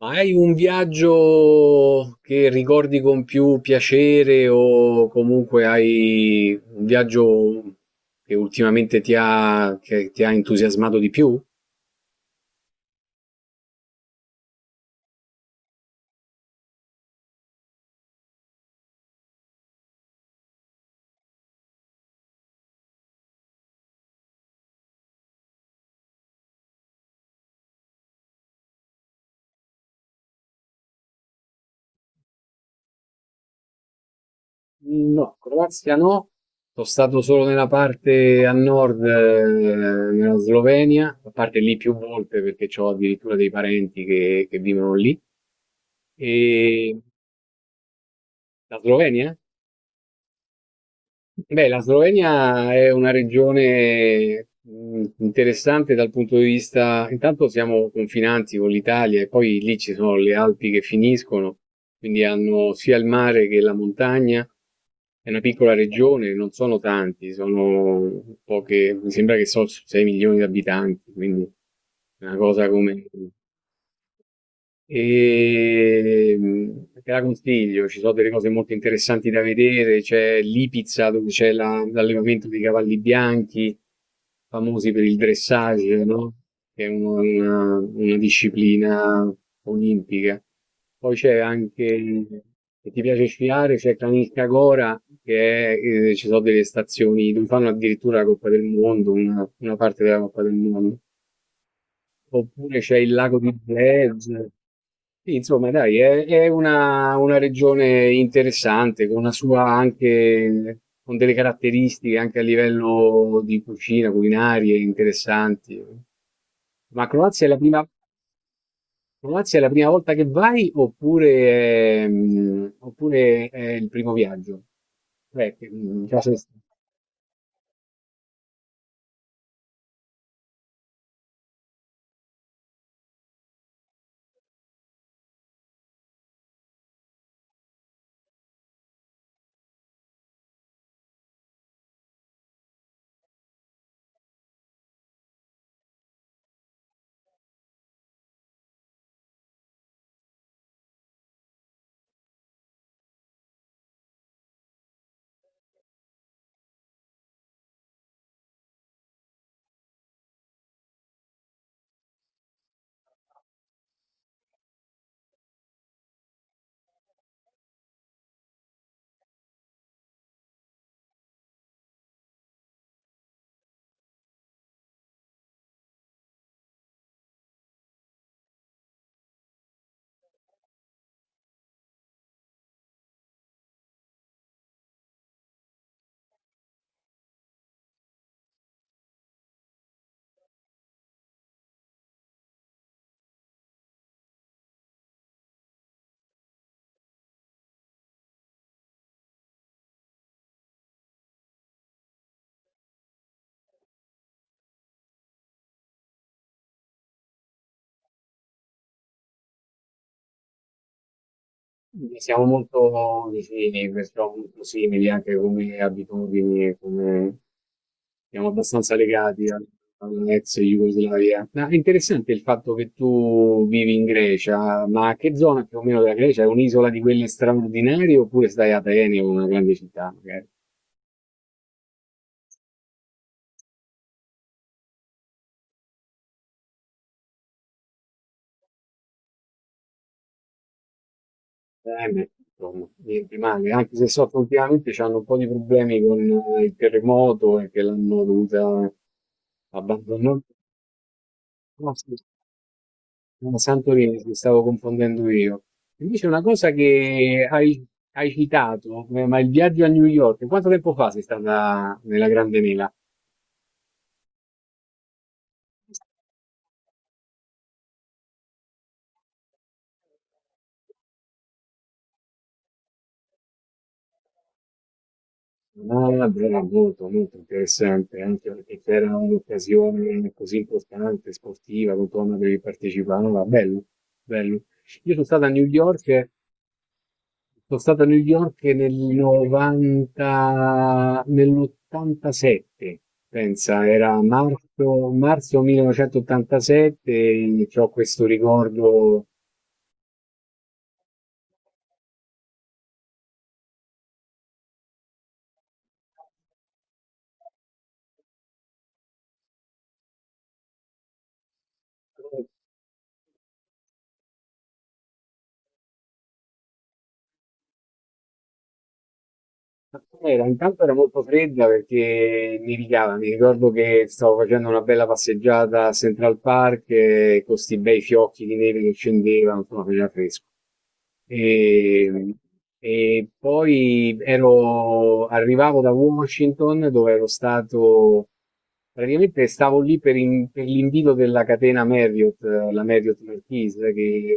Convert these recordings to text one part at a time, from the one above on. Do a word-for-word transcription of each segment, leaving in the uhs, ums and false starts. Ma hai un viaggio che ricordi con più piacere o comunque hai un viaggio che ultimamente ti ha, che ti ha entusiasmato di più? No, Croazia no. Sono stato solo nella parte a nord, eh, nella Slovenia, a parte lì più volte perché ho addirittura dei parenti che, che vivono lì. E la Slovenia? Beh, la Slovenia è una regione mh, interessante dal punto di vista, intanto siamo confinanti con l'Italia e poi lì ci sono le Alpi che finiscono, quindi hanno sia il mare che la montagna. È una piccola regione, non sono tanti, sono poche, mi sembra che sono sei milioni di abitanti, quindi è una cosa come e, mhmm, te la consiglio, ci sono delle cose molto interessanti da vedere. C'è Lipizza dove c'è la- l'allevamento dei cavalli bianchi, famosi per il dressage, no? Che è uno- una, una disciplina olimpica. Poi c'è anche, se ti piace sciare, c'è Kranjskagora, che è, eh, ci sono delle stazioni dove fanno addirittura la Coppa del Mondo, una una parte della Coppa del Mondo. Oppure c'è il lago di Zez. Sì, insomma, dai, è, è una, una regione interessante, con una sua anche, con delle caratteristiche anche a livello di cucina, culinarie interessanti. Ma Croazia è la prima, Croazia è la prima volta che vai oppure, è- mm, oppure è il primo viaggio? Beh, che- mm, già sei stato. Quindi siamo molto vicini, perciò molto simili anche come abitudini, e come... siamo abbastanza legati al- all'ex Jugoslavia. Ma è interessante il fatto che tu vivi in Grecia, ma che zona più o meno della Grecia? È un'isola di quelle straordinarie oppure stai a Atene o una grande città, magari? Atene, insomma, niente male, anche se so che ultimamente hanno un po' di problemi con eh, il terremoto e che l'hanno dovuta abbandonare. No, sì. Ah, Santorini, mi stavo confondendo io. Invece una cosa che hai, hai citato, eh, ma il viaggio a New York, quanto tempo fa sei stata nella Grande Mela? Ah, bella, molto, molto interessante, anche perché c'era un'occasione così importante, sportiva, con cui dovevi partecipare, no, bello, bello. Io sono stato a New York Sono stato a New York nel novanta, nell'ottantasette, pensa, era marzo, marzo millenovecentottantasette e ho questo ricordo. Ma Era, intanto era molto fredda perché nevicava, mi ricordo che stavo facendo una bella passeggiata a Central Park, eh, con questi bei fiocchi di neve che scendevano, insomma faceva fresco. E, e poi ero, arrivavo da Washington dove ero stato, praticamente stavo lì per, in- per l'invito della catena Marriott, eh, la Marriott Marquise, che,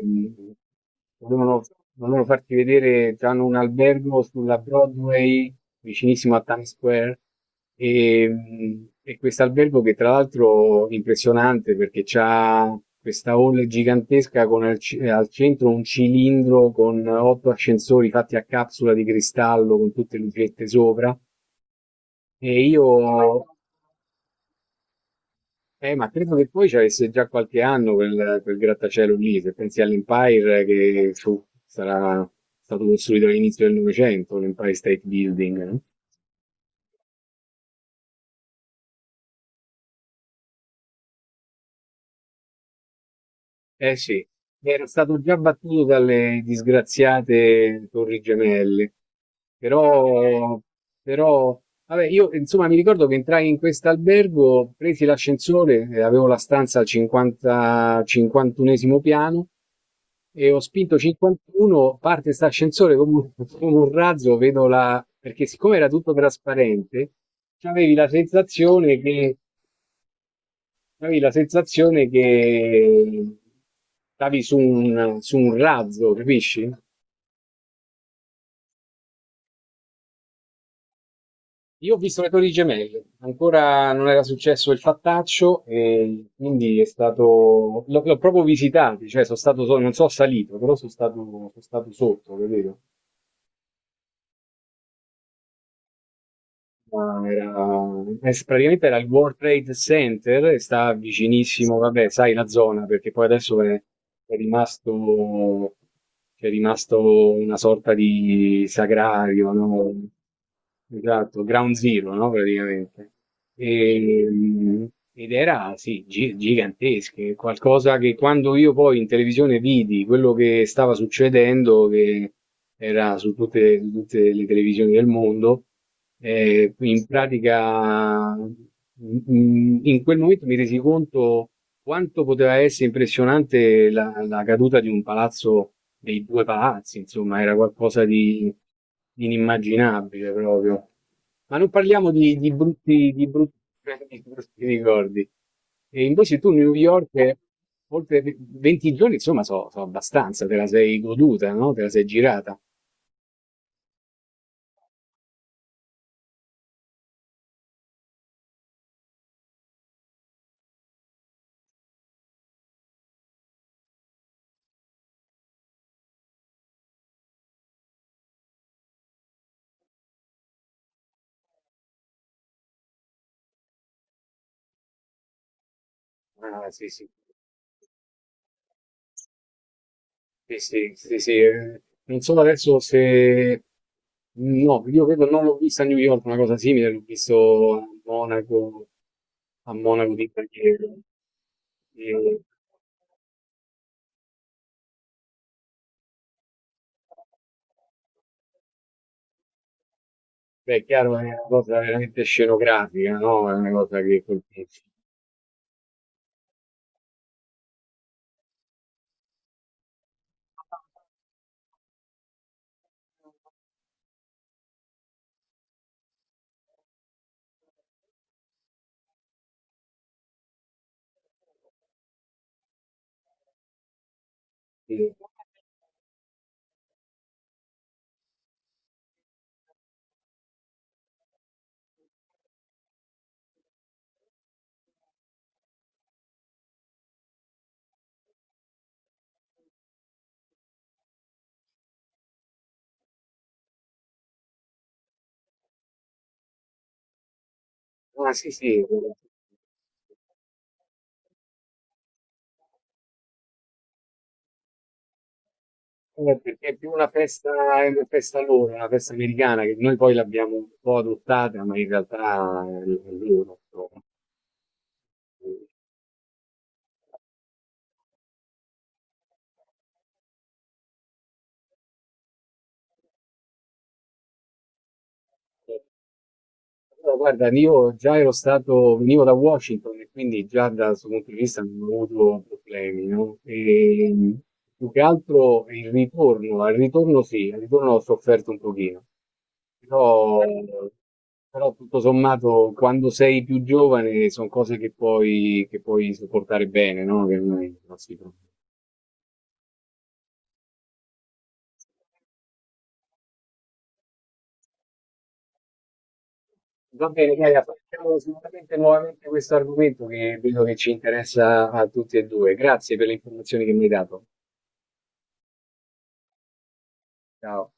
Volevano volevano farti vedere già in un albergo sulla Broadway, vicinissimo a Times Square, e, mh, e questo albergo che tra l'altro è impressionante perché c'ha questa hall gigantesca con al, c- al centro un cilindro con otto ascensori fatti a capsula di cristallo con tutte le lucette sopra. E io Eh, ma credo che poi ci avesse già qualche anno quel, quel grattacielo lì, se pensi all'Empire che fu- sarà stato costruito all'inizio del Novecento, l'Empire State Building, no? Eh sì, era stato già battuto dalle disgraziate Torri Gemelle. Però, però, vabbè, io insomma mi ricordo che entrai in questo albergo, presi l'ascensore, eh, avevo la stanza al cinquanta, cinquantunesimo piano e ho spinto cinquantuno, parte questo ascensore come un, come un razzo, vedo la... perché siccome era tutto trasparente, avevi la sensazione che, avevi la sensazione che stavi su un, su un razzo, capisci? Io ho visto le Torri Gemelle, ancora non era successo il fattaccio e quindi è stato... L'ho, l'ho proprio visitato, cioè sono stato, so- non sono salito, però sono stato, sono stato sotto, capito? Ma era eh, s praticamente era il World Trade Center e sta vicinissimo, vabbè, sai la zona, perché poi adesso è, è rimasto, c'è rimasto una sorta di sagrario, no? Esatto, Ground Zero, no? Praticamente. E, mm, ed era, sì, gi- gigantesche, qualcosa che quando io poi in televisione vidi quello che stava succedendo, che era su tutte, su tutte le televisioni del mondo, eh, in pratica, in in quel momento mi resi conto quanto poteva essere impressionante la, la caduta di un palazzo, dei due palazzi, insomma, era qualcosa di, di inimmaginabile proprio. Ma non parliamo di, di brutti, di brutti, di brutti ricordi. E invece tu, New York, oltre venti giorni, insomma, so, so abbastanza, te la sei goduta, no? Te la sei girata. Ah, sì, sì. Sì, sì, sì, sì, eh, non so adesso se... No, io credo non l'ho vista a New York, una cosa simile, l'ho visto a Monaco, a Monaco di Baviera. E, beh, è chiaro, è una cosa veramente scenografica, no? È una cosa che colpisce. Sì. Ah, sì, sì. Eh, perché è più una festa, è una festa loro, una festa americana, che noi poi l'abbiamo un po' adottata, ma in realtà è loro, insomma. Allora, guarda, io già ero stato, venivo da Washington e quindi già da questo punto di vista non ho avuto problemi, no? E più che altro il ritorno, al ritorno sì, al ritorno ho sofferto un pochino, però, però tutto sommato quando sei più giovane sono cose che puoi, che puoi sopportare bene, no? Che non è- non si trova. Va bene, Chiara, facciamo sicuramente nuovamente questo argomento che vedo che ci interessa a tutti e due. Grazie per le informazioni che mi hai dato. Ciao.